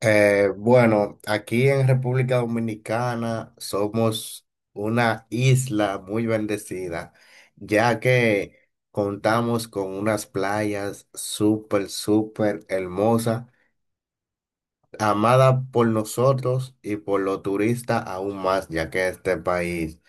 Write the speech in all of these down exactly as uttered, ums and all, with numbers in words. Eh, bueno, aquí en República Dominicana somos una isla muy bendecida, ya que contamos con unas playas súper, súper hermosas, amadas por nosotros y por los turistas aún más, ya que este país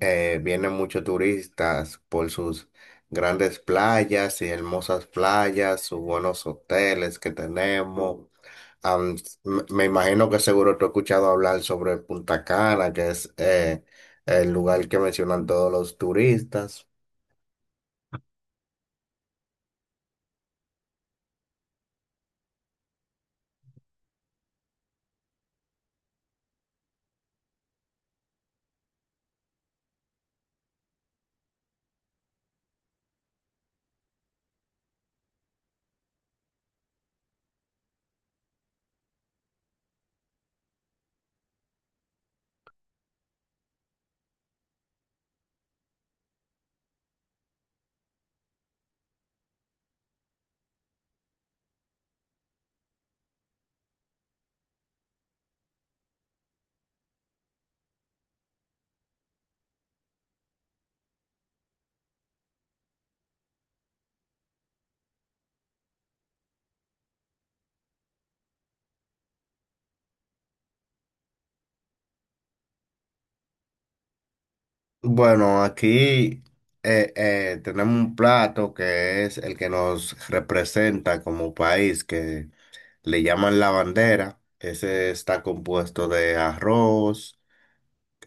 eh, vienen muchos turistas por sus grandes playas y hermosas playas, sus buenos hoteles que tenemos. Am, me me imagino que seguro tú has escuchado hablar sobre Punta Cana, que es eh, el lugar que mencionan todos los turistas. Bueno, aquí eh, eh, tenemos un plato que es el que nos representa como país, que le llaman la bandera. Ese está compuesto de arroz.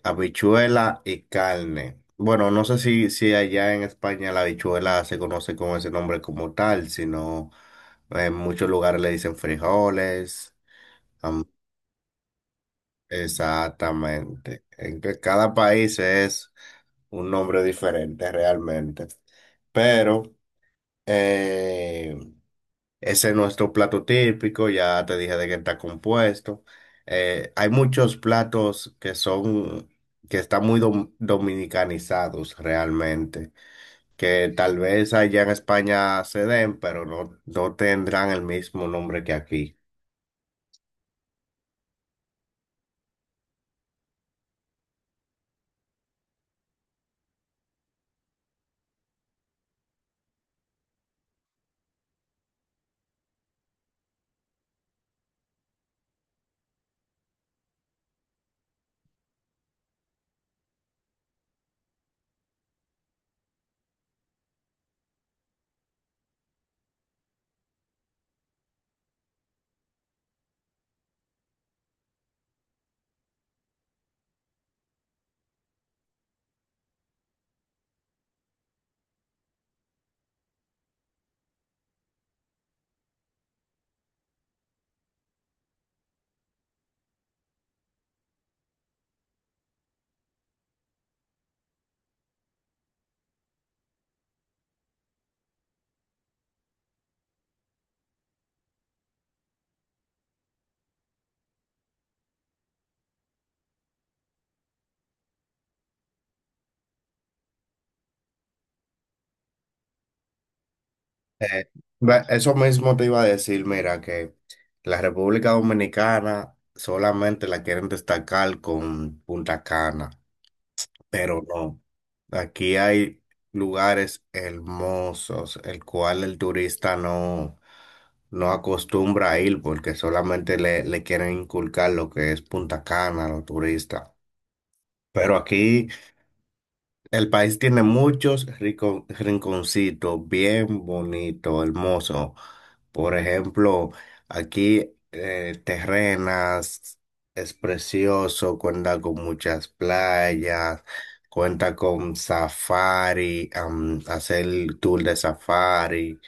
Habichuela y carne. Bueno, no sé si, si allá en España la habichuela se conoce con ese nombre como tal, sino en muchos lugares le dicen frijoles. Am- exactamente. En que cada país es un nombre diferente realmente. Pero eh, ese es nuestro plato típico, ya te dije de qué está compuesto. Eh, hay muchos platos que son, que están muy dom- dominicanizados realmente, que tal vez allá en España se den, pero no, no tendrán el mismo nombre que aquí. Eh, ve- eso mismo te iba a decir, mira, que la República Dominicana solamente la quieren destacar con Punta Cana. Pero no. Aquí hay lugares hermosos, el cual el turista no, no acostumbra a ir porque solamente le, le quieren inculcar lo que es Punta Cana a los turistas. Pero aquí... El país tiene muchos rico- rinconcitos bien bonitos, hermosos. Por ejemplo, aquí eh, Terrenas es precioso, cuenta con muchas playas, cuenta con safari, am, hacer el tour de safari.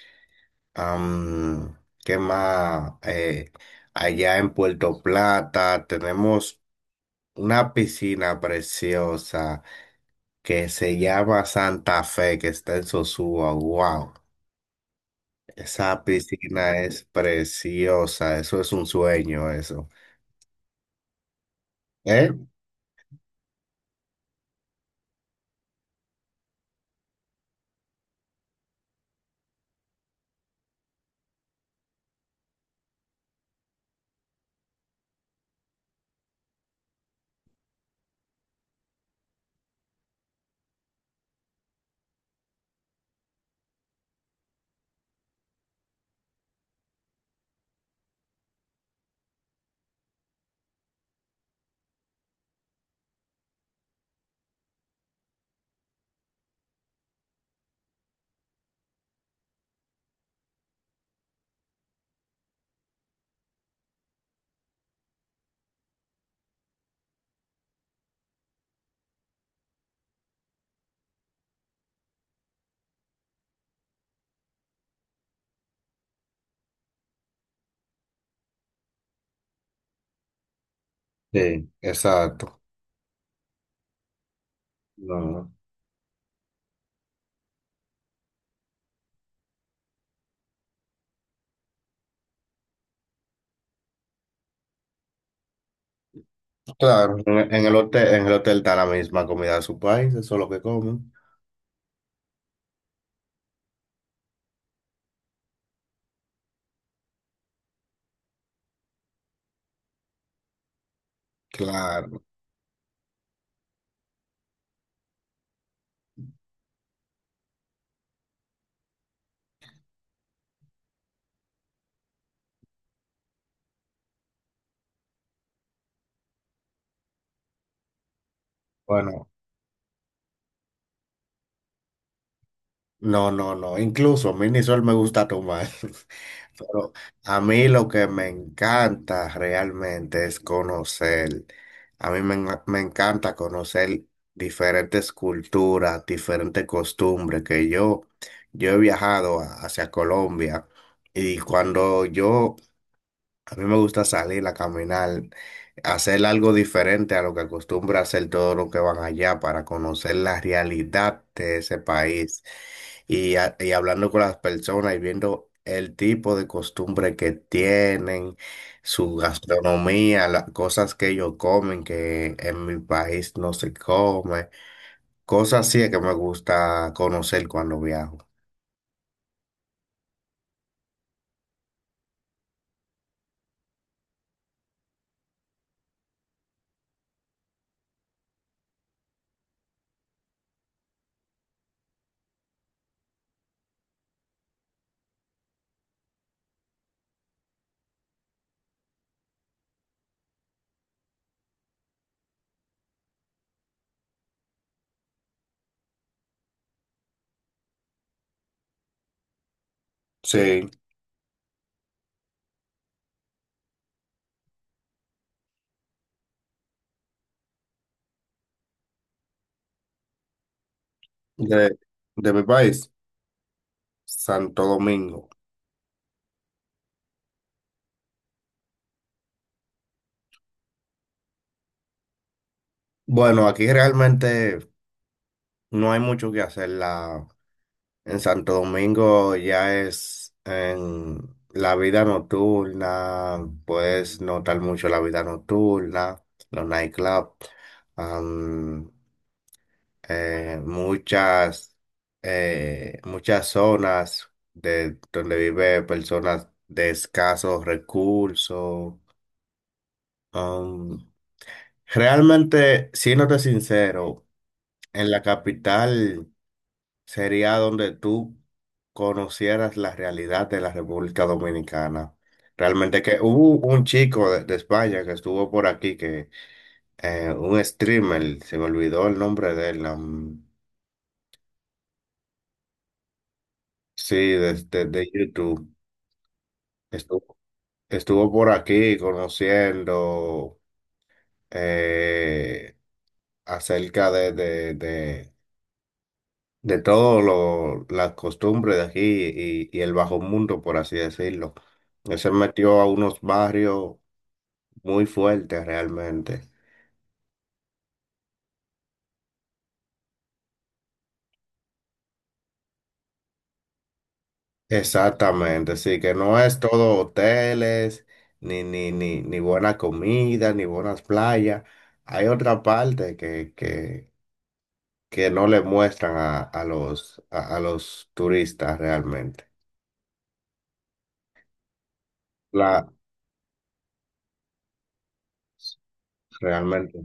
am, ¿Qué más? Eh, allá en Puerto Plata tenemos una piscina preciosa que se llama Santa Fe, que está en Sosúa. Wow, esa piscina es preciosa, eso es un sueño, eso. ¿Eh? Sí, exacto. No. Claro, en en el hotel, en el hotel está la misma comida de su país, eso es lo que comen. Claro. Bueno, no, no, no. Incluso a mí ni sol me gusta tomar. Pero a mí lo que me encanta realmente es conocer. A mí me, en- me encanta conocer diferentes culturas, diferentes costumbres que yo, yo he viajado a- hacia Colombia y cuando yo a mí me gusta salir a caminar, hacer algo diferente a lo que acostumbra hacer todos los que van allá para conocer la realidad de ese país y, a- y hablando con las personas y viendo el tipo de costumbre que tienen, su gastronomía, las cosas que ellos comen que en mi país no se come, cosas así es que me gusta conocer cuando viajo. Sí, de, de mi país, Santo Domingo. Bueno, aquí realmente no hay mucho que hacer. La, en Santo Domingo ya es en la vida nocturna, puedes notar mucho la vida nocturna, los nightclubs, am, eh, muchas, eh, muchas zonas de donde vive personas de escasos recursos. Um, realmente, siéndote sincero, en la capital sería donde tú conocieras la realidad de la República Dominicana. Realmente que hubo un chico de, de España que estuvo por aquí, que eh, un streamer, se me olvidó el nombre de él, um, sí, de, de- de YouTube, estuvo, estuvo por aquí conociendo eh, acerca de, de, de de todo lo, las costumbres de aquí y, y el bajo mundo, por así decirlo. Él se metió a unos barrios muy fuertes realmente. Exactamente, sí, que no es todo hoteles, ni, ni, ni, ni buena comida, ni buenas playas. Hay otra parte que, que, que no le muestran a, a los, a, a los turistas realmente. La, realmente.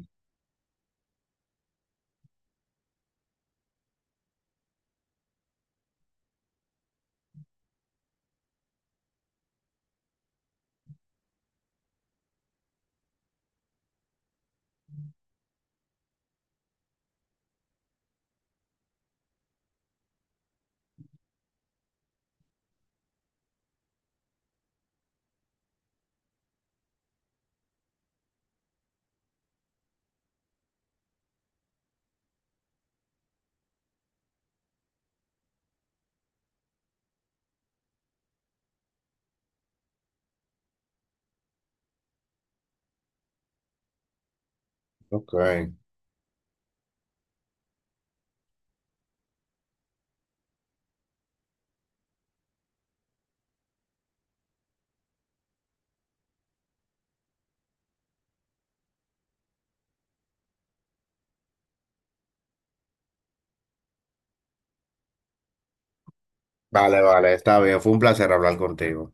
Ok. Vale, vale, está bien. Fue un placer hablar contigo.